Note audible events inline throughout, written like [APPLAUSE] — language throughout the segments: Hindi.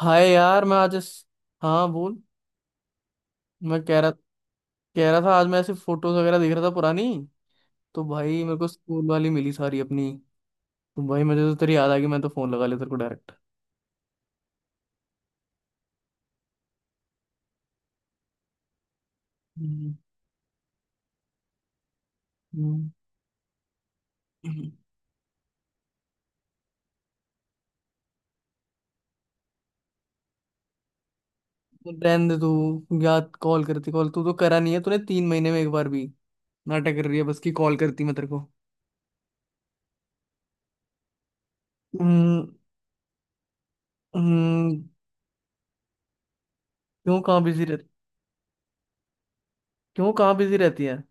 हाय यार, मैं आज इस। हाँ बोल। मैं कह रहा था आज मैं ऐसे फोटोज वगैरह देख रहा था पुरानी। तो भाई मेरे को स्कूल वाली मिली सारी अपनी। तो भाई मुझे तो तेरी याद आ गई, मैं तो फोन लगा लिया तेरे को डायरेक्ट। हम्म। हम्म। तो रहने दे तू, याद कॉल करती, कॉल तू तो करा नहीं है तूने 3 महीने में एक बार भी। नाटक कर रही है बस, की कॉल करती मैं तेरे को। हम्म। हम्म। क्यों? कहाँ बिजी रहती? क्यों? कहाँ बिजी रहती है?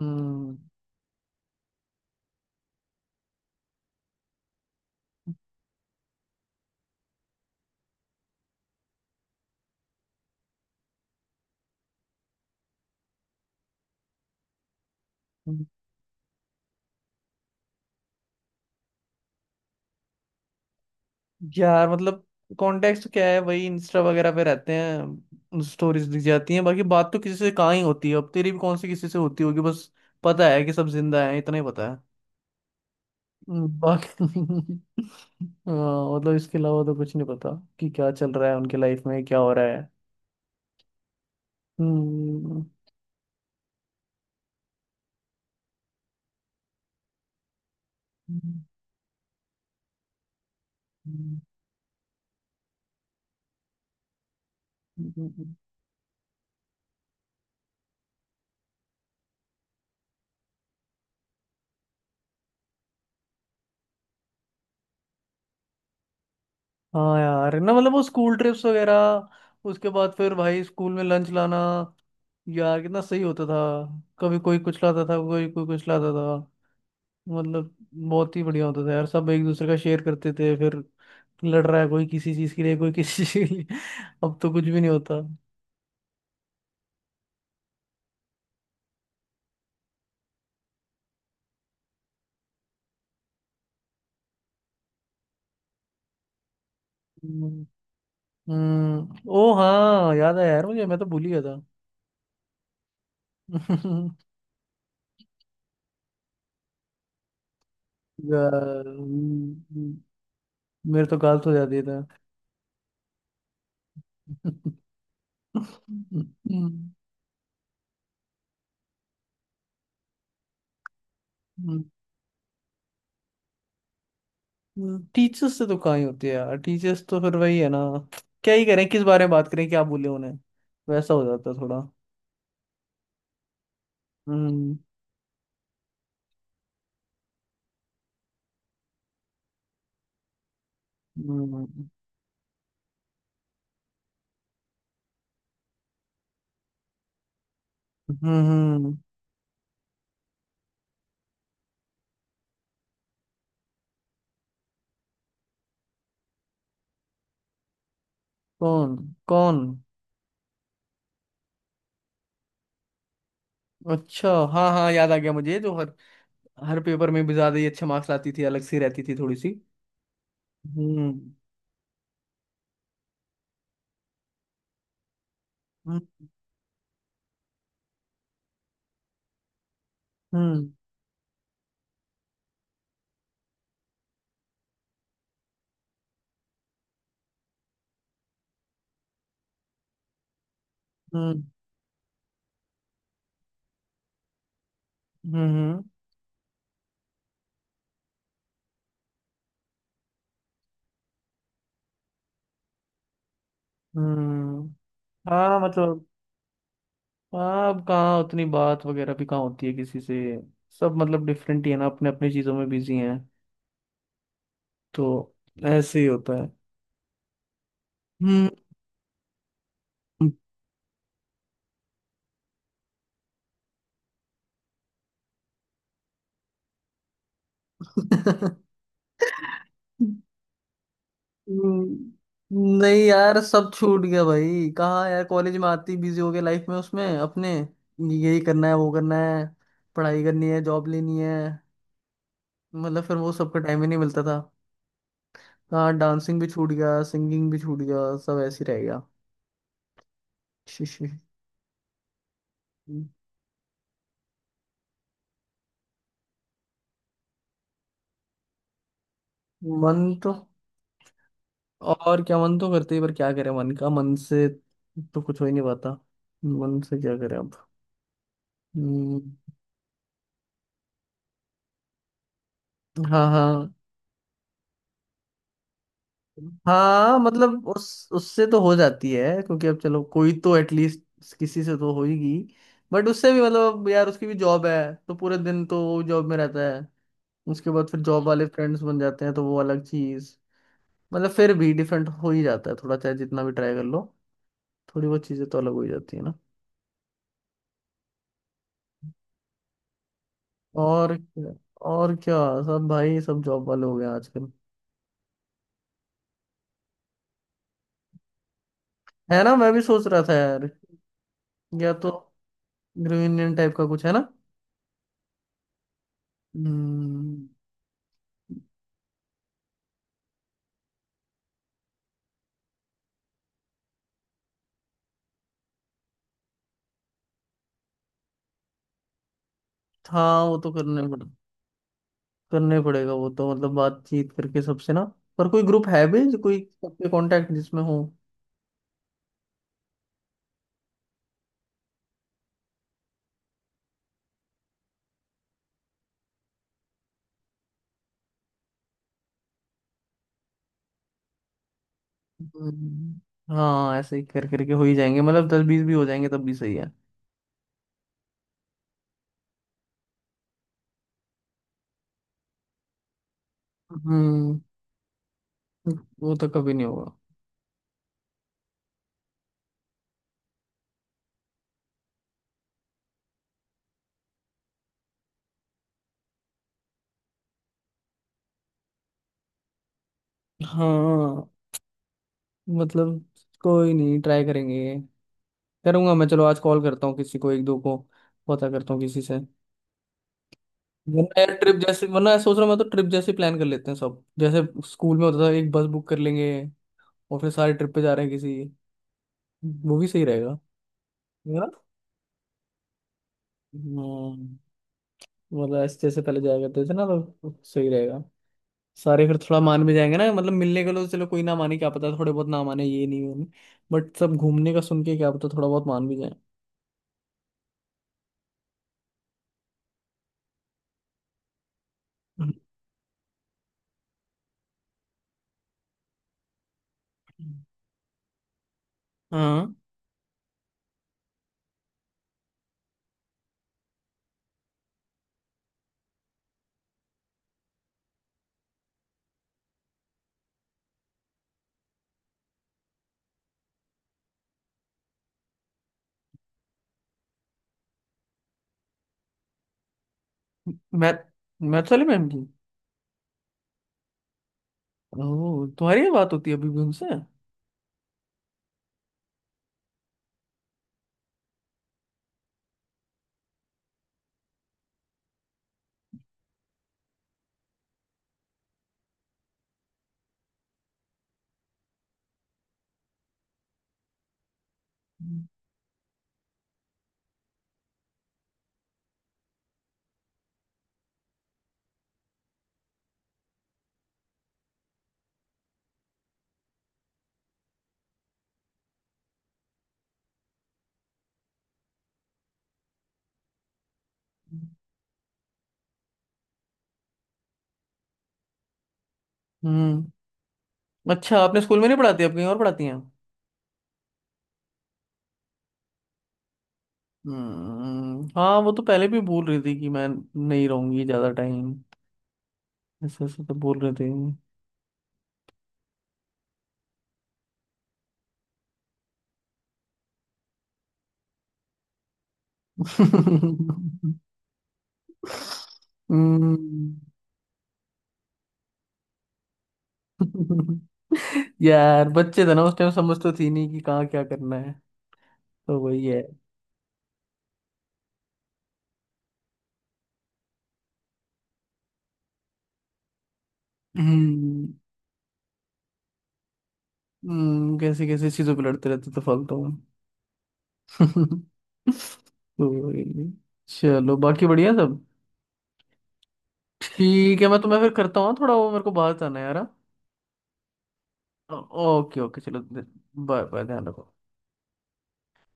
हम्म। यार, मतलब। कॉन्टेक्स्ट क्या है? वही इंस्टा वगैरह पे रहते हैं, स्टोरीज दिख जाती हैं। बाकी बात तो किसी से कहाँ ही होती है, अब तेरी भी कौन सी किसी से होती होगी बस। पता है कि सब जिंदा हैं, इतना ही पता है। बाकी [LAUGHS] हाँ, मतलब इसके अलावा तो कुछ नहीं पता। कि क्या चल रहा है उनके लाइफ में, क्या हो रहा है। हम्म। हम्म। हम्म। हम्म। हम्म। हम्म। हम्म। हाँ यार, ना मतलब वो स्कूल ट्रिप्स वगैरह। उसके बाद फिर भाई स्कूल में लंच लाना। यार, कितना सही होता था। कभी कोई कुछ लाता था, कोई कोई कुछ लाता था। मतलब बहुत ही बढ़िया होता था यार, सब एक दूसरे का शेयर करते थे फिर। लड़ रहा है कोई किसी चीज के लिए, कोई [LAUGHS] किसी चीज के लिए। अब तो कुछ भी नहीं होता। हम्म। ओ हाँ, याद आया यार मुझे, मैं तो भूल ही गया था। [LAUGHS] यार, मेरे तो गाल तो जाती था। [LAUGHS] टीचर्स से तो कहाँ ही होती है यार, टीचर्स तो फिर वही है ना। क्या ही करें, किस बारे में बात करें, क्या बोले उन्हें। वैसा हो जाता है थोड़ा। हम्म। हम्म। हम्म। हम्म। कौन? कौन? अच्छा, हाँ हाँ, याद आ गया मुझे, जो हर। हर पेपर में भी ज्यादा ही अच्छे मार्क्स लाती थी, अलग सी रहती थी थोड़ी सी। हम्म। हम्म। हम्म। हम्म। हम्म। हम्म। हाँ, मतलब। हाँ, अब कहाँ उतनी बात वगैरह भी कहाँ होती है किसी से। सब मतलब डिफरेंट ही है ना, अपने अपने चीजों में बिजी हैं। तो ऐसे ही होता है। हम्म। हम्म, नहीं यार, सब छूट गया भाई, कहाँ यार, कॉलेज में आती बिजी हो गया लाइफ में, उसमें अपने यही करना है, वो करना है। पढ़ाई करनी है, जॉब लेनी है। मतलब फिर वो सबका टाइम ही नहीं मिलता था। कहाँ, डांसिंग भी छूट गया, सिंगिंग भी छूट गया, सब ऐसे ही रह गया। [LAUGHS] शी, शी। मन तो। और क्या, मन तो करते ही, पर क्या करें, मन का मन से। तो कुछ हो ही नहीं पाता। मन से क्या करें अब। हम्म। हाँ हाँ। हाँ, मतलब उस उससे तो हो जाती है, क्योंकि अब चलो, कोई तो एटलीस्ट। किसी से तो होगी। बट उससे भी मतलब यार, उसकी भी जॉब है तो पूरे दिन तो वो जॉब में रहता है। उसके बाद फिर जॉब वाले फ्रेंड्स बन जाते हैं, तो वो अलग चीज। मतलब फिर भी डिफरेंट हो ही जाता है थोड़ा, चाहे जितना भी ट्राई कर लो। थोड़ी बहुत चीजें तो अलग हो ही जाती है ना। और क्या। और क्या। सब भाई, सब जॉब वाले हो गए हैं आजकल। है ना, मैं भी सोच रहा था यार। या तो। ग्रीन इंडियन टाइप का कुछ है ना। हम्म। हाँ, वो तो करने पड़ेगा वो तो, मतलब बातचीत करके सबसे ना। पर कोई ग्रुप है भी, जो कोई सबके कांटेक्ट जिसमें हो? हम्म। हाँ, ऐसे ही कर करके हो ही जाएंगे, मतलब 10 20 भी हो जाएंगे तब भी सही है। हम्म। वो तो कभी नहीं होगा। हाँ, मतलब। कोई नहीं, ट्राई करेंगे ये। करूंगा मैं, चलो आज कॉल करता हूँ किसी को, एक दो को। पता करता हूँ किसी से। वरना यार ट्रिप जैसे, वरना सोच रहा हूँ मैं, तो ट्रिप जैसे प्लान कर लेते हैं सब, जैसे स्कूल में होता था। एक बस बुक कर लेंगे और फिर सारे ट्रिप पे जा रहे हैं, किसी मूवी सही रहेगा। है ना। हम्म। मतलब ऐसे जैसे पहले जाया करते थे ना, तो सही रहेगा। सारे फिर थोड़ा मान भी जाएंगे ना, मतलब मिलने के लिए। तो चलो, कोई ना माने क्या पता, थोड़े बहुत ना माने, ये नहीं होने। बट सब घूमने का सुन के क्या पता थोड़ा बहुत मान भी जाए। हाँ, मैथ मैथ वाले मैम की? ओह, तुम्हारी ये बात होती है अभी भी उनसे? हम्म। अच्छा, आपने स्कूल में नहीं पढ़ाती, आप कहीं और पढ़ाती हैं? हम्म, हाँ वो तो पहले भी बोल रही थी कि मैं नहीं रहूंगी ज्यादा टाइम। ऐसा ऐसा तो बोल रहे थे। हम्म। [LAUGHS] यार बच्चे थे ना उस टाइम, समझ तो थी नहीं कि कहाँ क्या करना है। तो वही है। हम्म। कैसे कैसे चीजों पे लड़ते रहते थे फालतू में। [LAUGHS] तो वही। चलो, बाकी बढ़िया सब। ठीक है, मैं तुम्हें फिर करता हूँ, थोड़ा वो मेरे को बाहर जाना है यार। हाँ? ओके, ओके चलो। बाय बाय, ध्यान रखो।